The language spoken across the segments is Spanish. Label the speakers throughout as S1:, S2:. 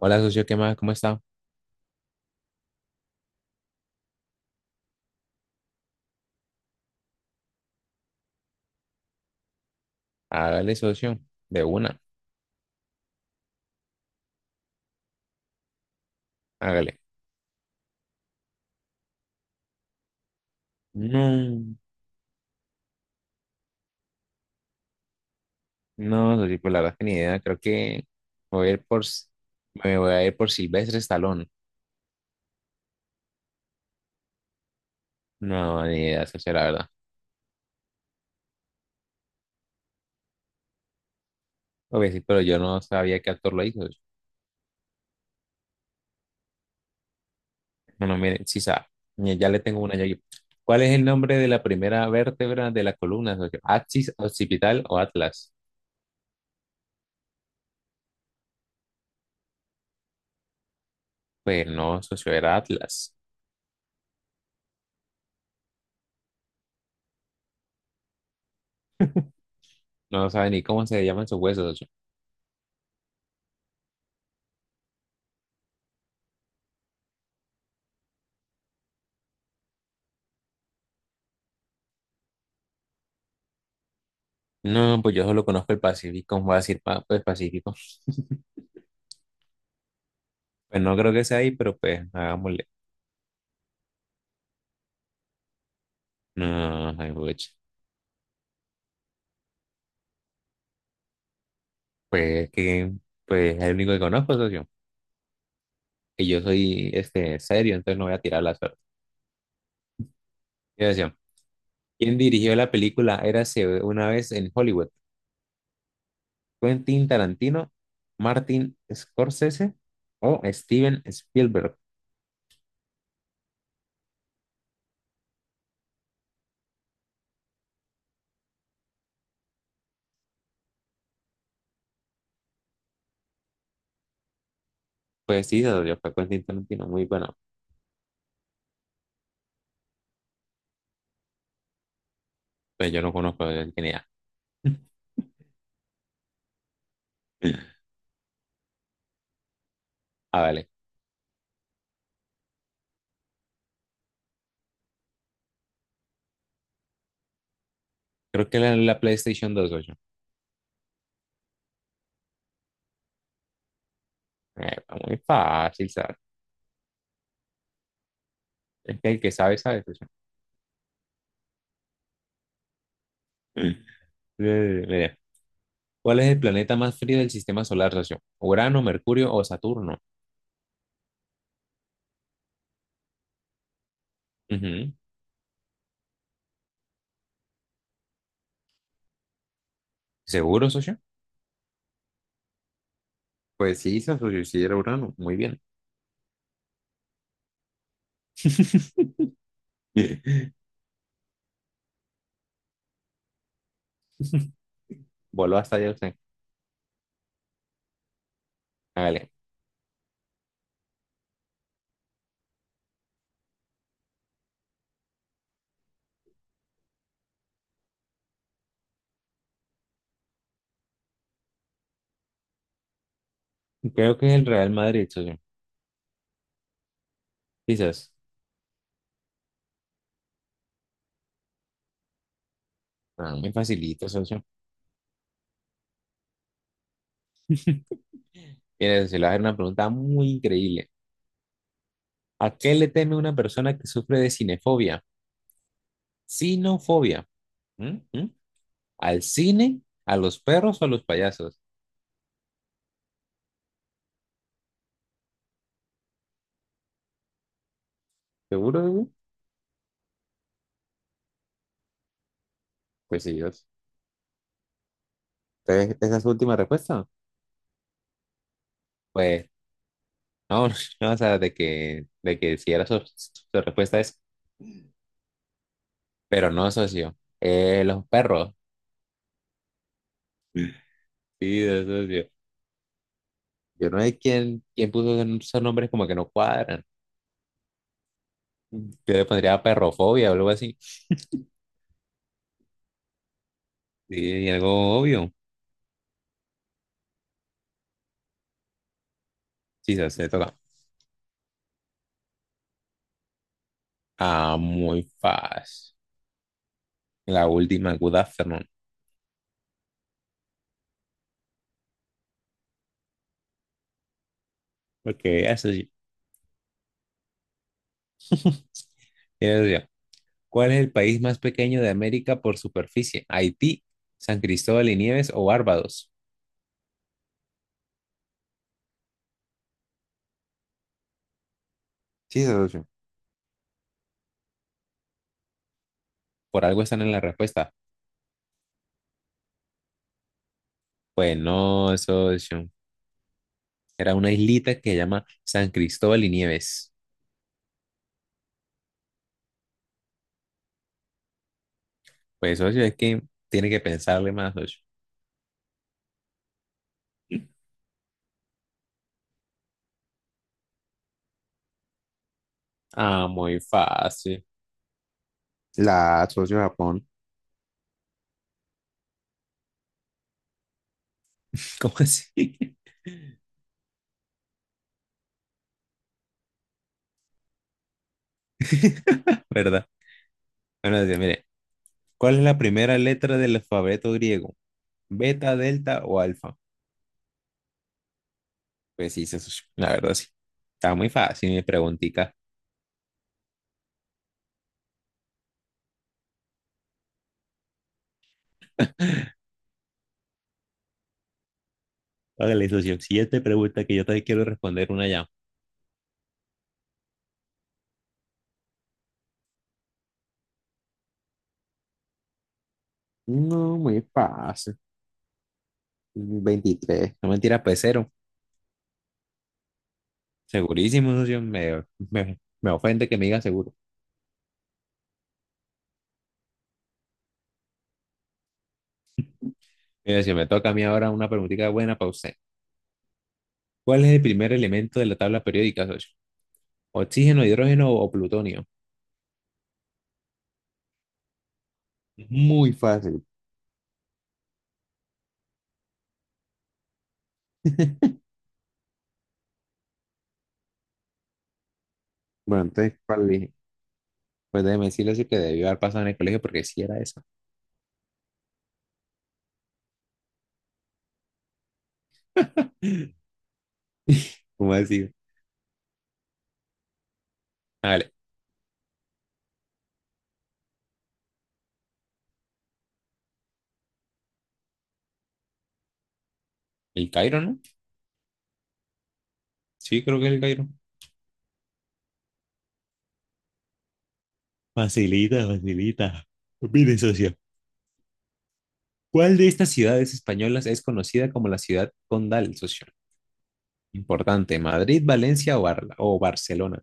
S1: Hola, socio, ¿qué más? ¿Cómo está? Hágale, socio, de una, hágale. No, no, socio, pues la verdad es que ni idea, creo que voy a ir por, me voy a ir por Silvestre Stallone. No, ni idea, socio, la verdad. Obvio, sí, pero yo no sabía qué actor lo hizo, socio. Bueno, mire, sí sabe, ya le tengo una yo aquí. ¿Cuál es el nombre de la primera vértebra de la columna, socio? ¿Axis, occipital o Atlas? Pues no, socio, era Atlas. No sabe ni cómo se llaman sus huesos, socio. No, pues yo solo conozco el Pacífico, voy a decir pues Pacífico. Pues no creo que sea ahí, pero pues hagámosle. No, ay, pucha. Pues que, pues es el único que conozco, socio. Y yo soy este serio, entonces no voy a tirar la suerte. Yo decía, ¿quién dirigió la película Érase una vez en Hollywood? ¿Quentin Tarantino, Martin Scorsese o Steven Spielberg? Pues sí, socio, fue Quentin Tarantino, muy bueno. Pues yo no conozco de quién era. Ah, vale. Creo que la PlayStation 2, socio. Eh, muy fácil, ¿sabes? Es que el que sabe, sabe, socio. Eh, mire, ¿cuál es el planeta más frío del sistema solar, socio? ¿Urano, Mercurio o Saturno? Ujú. ¿Seguro, socio? Pues sí, socio, sí era Urano. Muy bien. Voló hasta allá usted. Hágale. Creo que es el Real Madrid, socio. Quizás. Ah, muy facilito, socio. Mire, se le va a hacer una pregunta muy increíble. ¿A qué le teme una persona que sufre de cinefobia? Cinofobia. ¿Mm? ¿Mm? ¿Al cine, a los perros o a los payasos? ¿Seguro, socio? Pues sí, socio. Entonces, ¿esa es su última respuesta? Pues, no, no, o sea, de que si era su, su respuesta es, pero no, socio. Los perros. Sí, de socio. Yo no sé quién puso esos nombres como que no cuadran. Yo le pondría perrofobia o algo así. Sí, y algo obvio. Sí, se toca. Ah, muy fácil. La última, good afternoon. Porque eso sí. Eso sí. ¿Cuál es el país más pequeño de América por superficie? ¿Haití, San Cristóbal y Nieves o Barbados? Sí, socio. Por algo están en la respuesta. Pues no, socio. Era una islita que se llama San Cristóbal y Nieves. Pues, socio, es que tiene que pensarle más, socio. Ah, muy fácil. La socio Japón. ¿Cómo así? ¿Verdad? Bueno, dice, mire, ¿cuál es la primera letra del alfabeto griego? ¿Beta, delta o alfa? Pues sí, sí, socio, la verdad sí. Está muy fácil mi preguntita. Hágale, socio. Siguiente pregunta que yo también quiero responder una ya. No, muy fácil. Veintitrés. No, mentira, pues cero. Segurísimo, socio. Me ofende que me diga seguro. Mire, si me toca a mí ahora una preguntita buena para usted. ¿Cuál es el primer elemento de la tabla periódica, socio? ¿Oxígeno, hidrógeno o plutonio? Muy fácil. Bueno, entonces, ¿cuál dije? Pues déjeme decirle, socio, que debió haber pasado en el colegio porque sí era eso. ¿Cómo decir? Vale, el Cairo, ¿no? Sí, creo que es el Cairo. Facilita, facilita. Mire, socio. ¿Cuál de estas ciudades españolas es conocida como la ciudad condal, socio? Importante, Madrid, Valencia o, o Barcelona.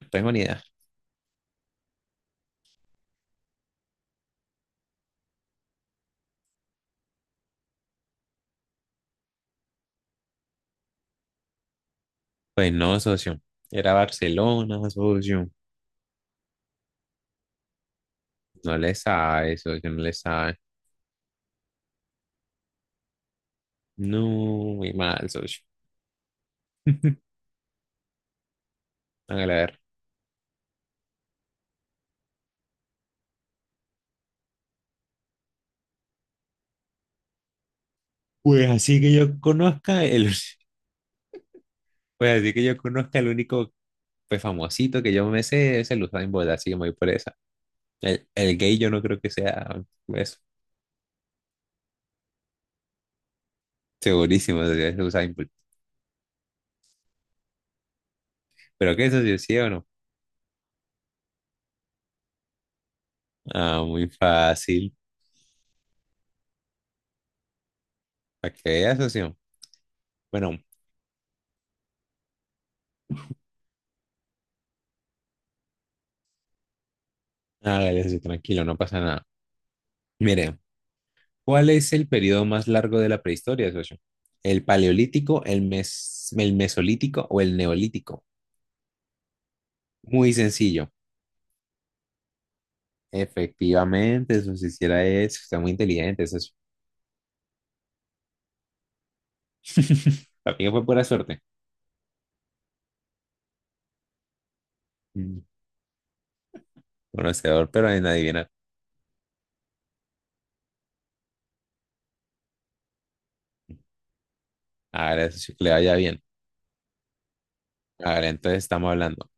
S1: No tengo ni idea. Pues no, socio. Era Barcelona, socio. No le sabe, socio, no le sabe. No, muy mal, socio. Hágale a ver. Pues así que yo conozca el, pues así que yo conozca el único pues famosito que yo me sé es el Usain Bolt, así que me voy por esa. El gay yo no creo que sea, pues, segurísimo socio, es Usain Bolt. Pero qué socio, ¿sí o no? Ah, muy fácil. Para que veas, socio. Bueno, hágale, socio, tranquilo, no pasa nada. Mire, ¿cuál es el periodo más largo de la prehistoria, socio? ¿El paleolítico, el mesolítico o el neolítico? Muy sencillo. Efectivamente, socio, si hiciera eso, está muy inteligente, socio. También fue pura suerte. Mm, conocedor, pero en adivinar. Hágale, socio, que le vaya bien. Hágale, entonces estamos hablando.